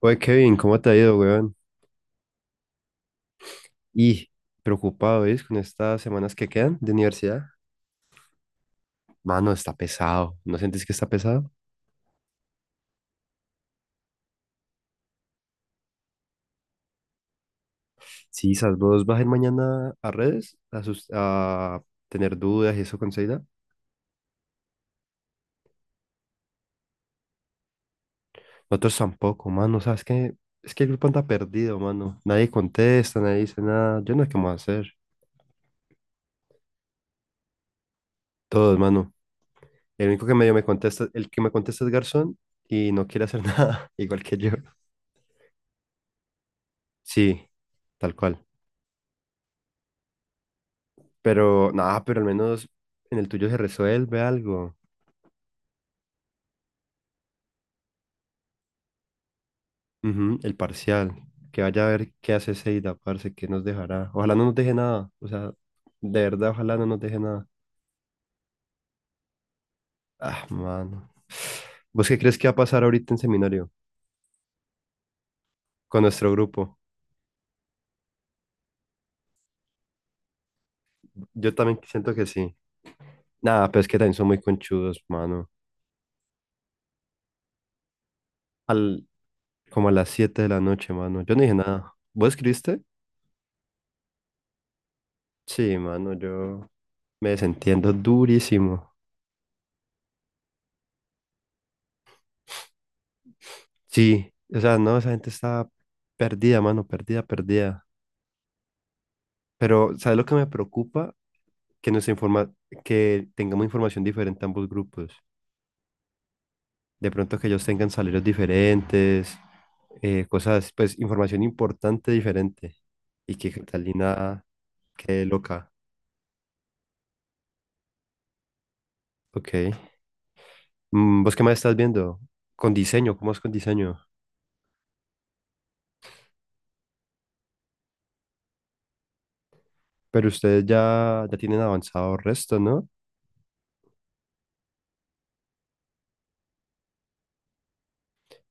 Oye, Kevin, ¿cómo te ha ido, weón? Y preocupado, ¿ves? Con estas semanas que quedan de universidad. Mano, está pesado. ¿No sientes que está pesado? Sí, esas vos vas a ir mañana a redes a tener dudas y eso con Seida. Nosotros tampoco, mano. ¿Sabes qué? Es que el grupo anda perdido, mano. Nadie contesta, nadie dice nada. Yo no sé qué vamos a hacer. Todos, mano. El único que medio me contesta, el que me contesta es Garzón y no quiere hacer nada, igual que yo. Sí, tal cual. Pero nada, pero al menos en el tuyo se resuelve algo. Ujú, el parcial. Que vaya a ver qué hace Seida, parce, qué nos dejará. Ojalá no nos deje nada. O sea, de verdad, ojalá no nos deje nada. Ah, mano. ¿Vos qué crees que va a pasar ahorita en seminario con nuestro grupo? Yo también siento que sí. Nada, pero es que también son muy conchudos, mano. Al, como a las 7 de la noche, mano. Yo no dije nada. ¿Vos escribiste? Sí, mano, yo me desentiendo durísimo. Sí, o sea, no, esa gente está perdida, mano, perdida, perdida. Pero, ¿sabes lo que me preocupa? Que nos informa, que tengamos información diferente a ambos grupos. De pronto que ellos tengan salarios diferentes, cosas, pues, información importante diferente. Y que Catalina quede loca. Ok. ¿Vos qué más estás viendo? Con diseño, ¿cómo es con diseño? Pero ustedes ya, ya tienen avanzado resto, ¿no?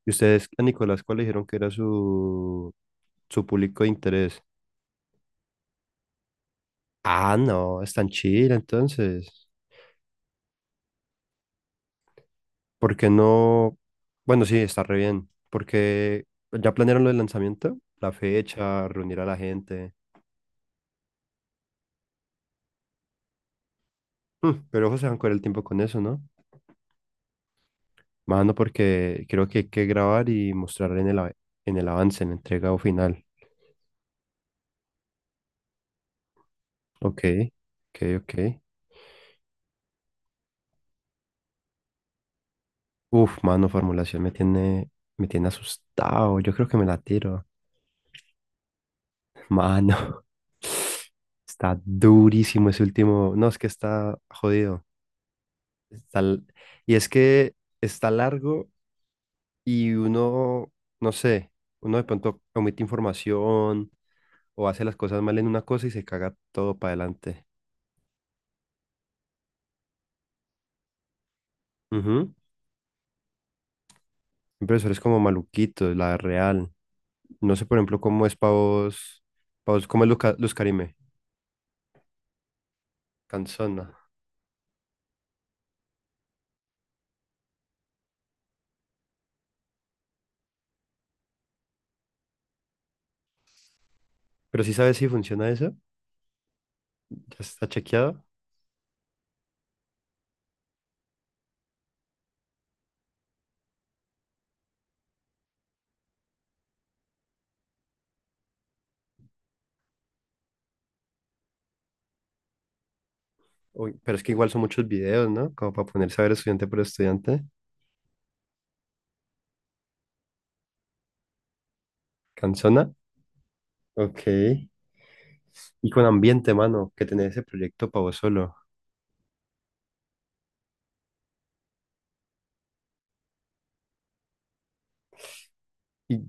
Y ustedes a Nicolás, ¿cuál le dijeron que era su público de interés? Ah, no, es tan chida entonces. ¿Por qué no? Bueno, sí, está re bien. Porque ya planearon lo del lanzamiento, la fecha, reunir a la gente. Hmm, pero ojo, se van a el tiempo con eso, ¿no? Mano, porque creo que hay que grabar y mostrar en en el avance, en el entregado final. Ok, ok, ok. Uf, mano, me tiene asustado. Yo creo que me la tiro. Mano, está durísimo ese último. No, es que está jodido. Está l- y es que está largo y uno, no sé, uno de pronto omite información o hace las cosas mal en una cosa y se caga todo para adelante. Ujú. Hay es como maluquito la real. No sé, por ejemplo, cómo es para vos, pa' vos cómo es Luz Carime. Canzona. Pero sí sabes si funciona eso, ya está chequeado. Uy, pero es que igual son muchos videos, ¿no? Como para ponerse a ver estudiante por estudiante. Canzona. Ok. Y con ambiente, mano, que tenés ese proyecto para vos solo. Y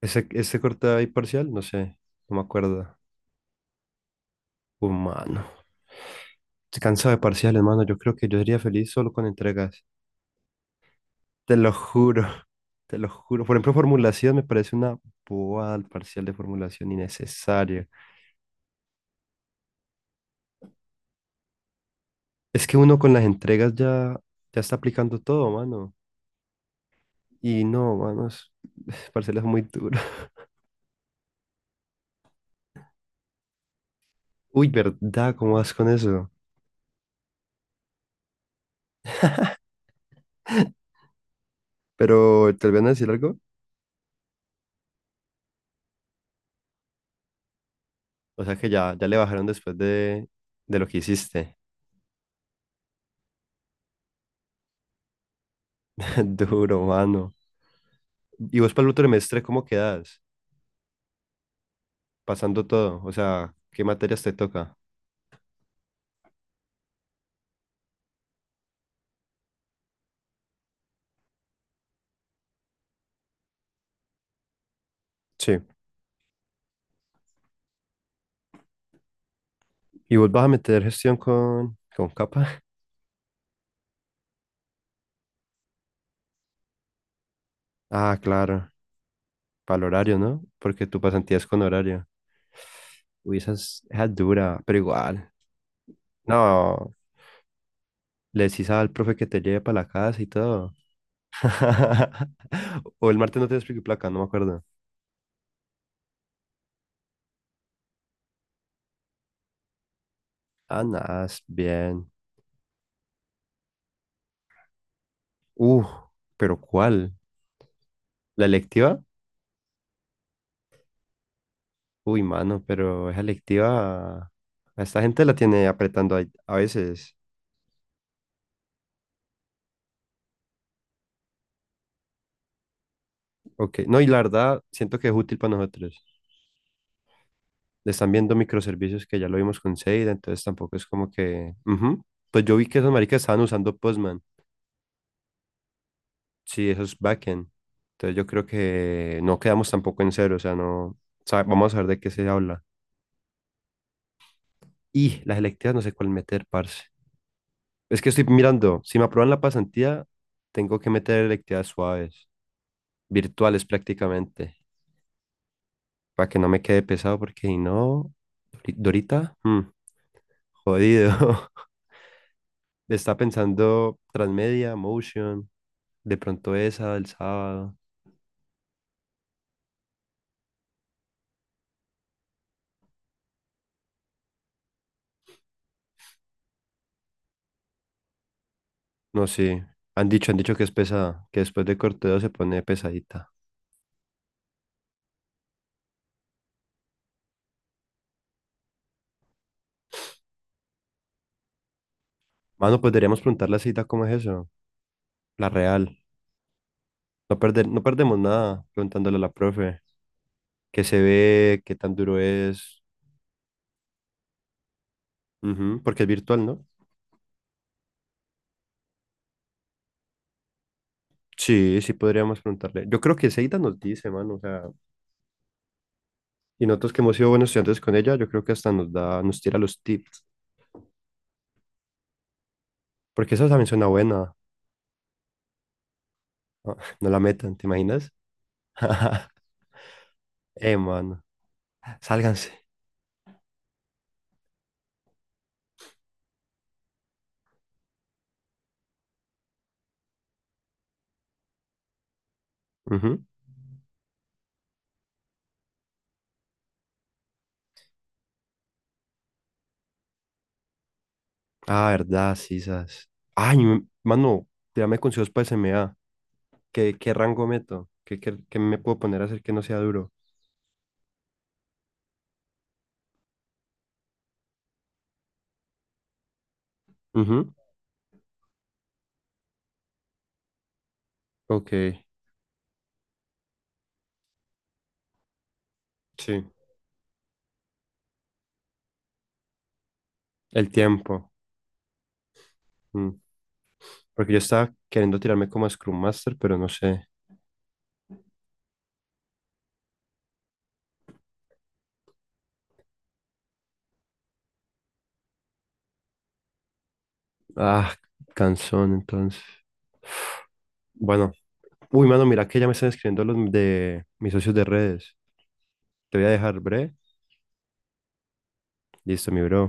ese corte ahí parcial, no sé, no me acuerdo. Humano. Estoy cansado de parciales, mano. Yo creo que yo sería feliz solo con entregas. Te lo juro. Te lo juro. Por ejemplo, formulación me parece una bobada, el parcial de formulación innecesaria. Es que uno con las entregas ya, ya está aplicando todo, mano. Y no, mano, es, es parcial es muy duro. Uy, ¿verdad? ¿Cómo vas con eso? Pero, ¿te voy a decir algo? O sea que ya, ya le bajaron de lo que hiciste. Duro, mano. ¿Y vos para el otro semestre cómo quedas? Pasando todo. O sea, ¿qué materias te toca? Sí. ¿Y vos vas a meter gestión con capa? Ah, claro. Para el horario, ¿no? Porque tu pasantía es con horario. Uy, esa es dura, pero igual. No, le decís al profe que te lleve para la casa y todo. O el martes no te explico placa, no me acuerdo. Ah, nada, es bien. Uh, pero ¿cuál? ¿La electiva? Uy, mano, pero esa electiva, a esta gente la tiene apretando ahí veces. Ok, no, y la verdad, siento que es útil para nosotros. Le están viendo microservicios que ya lo vimos con Seida, entonces tampoco es como que, ujú. Pues yo vi que esos maricas estaban usando Postman. Sí, eso es backend. Entonces yo creo que no quedamos tampoco en cero, o sea, no, sa- vamos a ver de qué se habla. Y las electivas no sé cuál meter, parce. Es que estoy mirando, si me aprueban la pasantía, tengo que meter electivas suaves, virtuales prácticamente, para que no me quede pesado, porque si no, Dorita, jodido. Está pensando Transmedia, Motion, de pronto esa del sábado. No sé, han dicho que es pesada, que después de Corteo se pone pesadita. Mano, pues deberíamos preguntar la cita, ¿cómo es eso? La real. No perdemos nada preguntándole a la profe. ¿Qué se ve? ¿Qué tan duro es? Ujú, porque es virtual, ¿no? Sí, sí podríamos preguntarle. Yo creo que Seita nos dice, mano, o sea, y nosotros que hemos sido buenos estudiantes con ella, yo creo que hasta nos tira los tips. Porque esa también suena buena. Ah, ¡no la metan, ¿te imaginas? Mano. Sálganse. Ujú. Ah, verdad, sí, sas. Ay, mano, tirame consejos para SMA. ¿Qué, qué rango meto? ¿ qué me puedo poner a hacer que no sea duro? Ujú. Ok, sí. El tiempo. Mm. Porque yo estaba queriendo tirarme como a Scrum Master, pero no sé. Ah, cansón, entonces. Bueno, uy, mano, mira que ya me están escribiendo los de mis socios de redes. Te voy a dejar, bre. Listo, mi bro.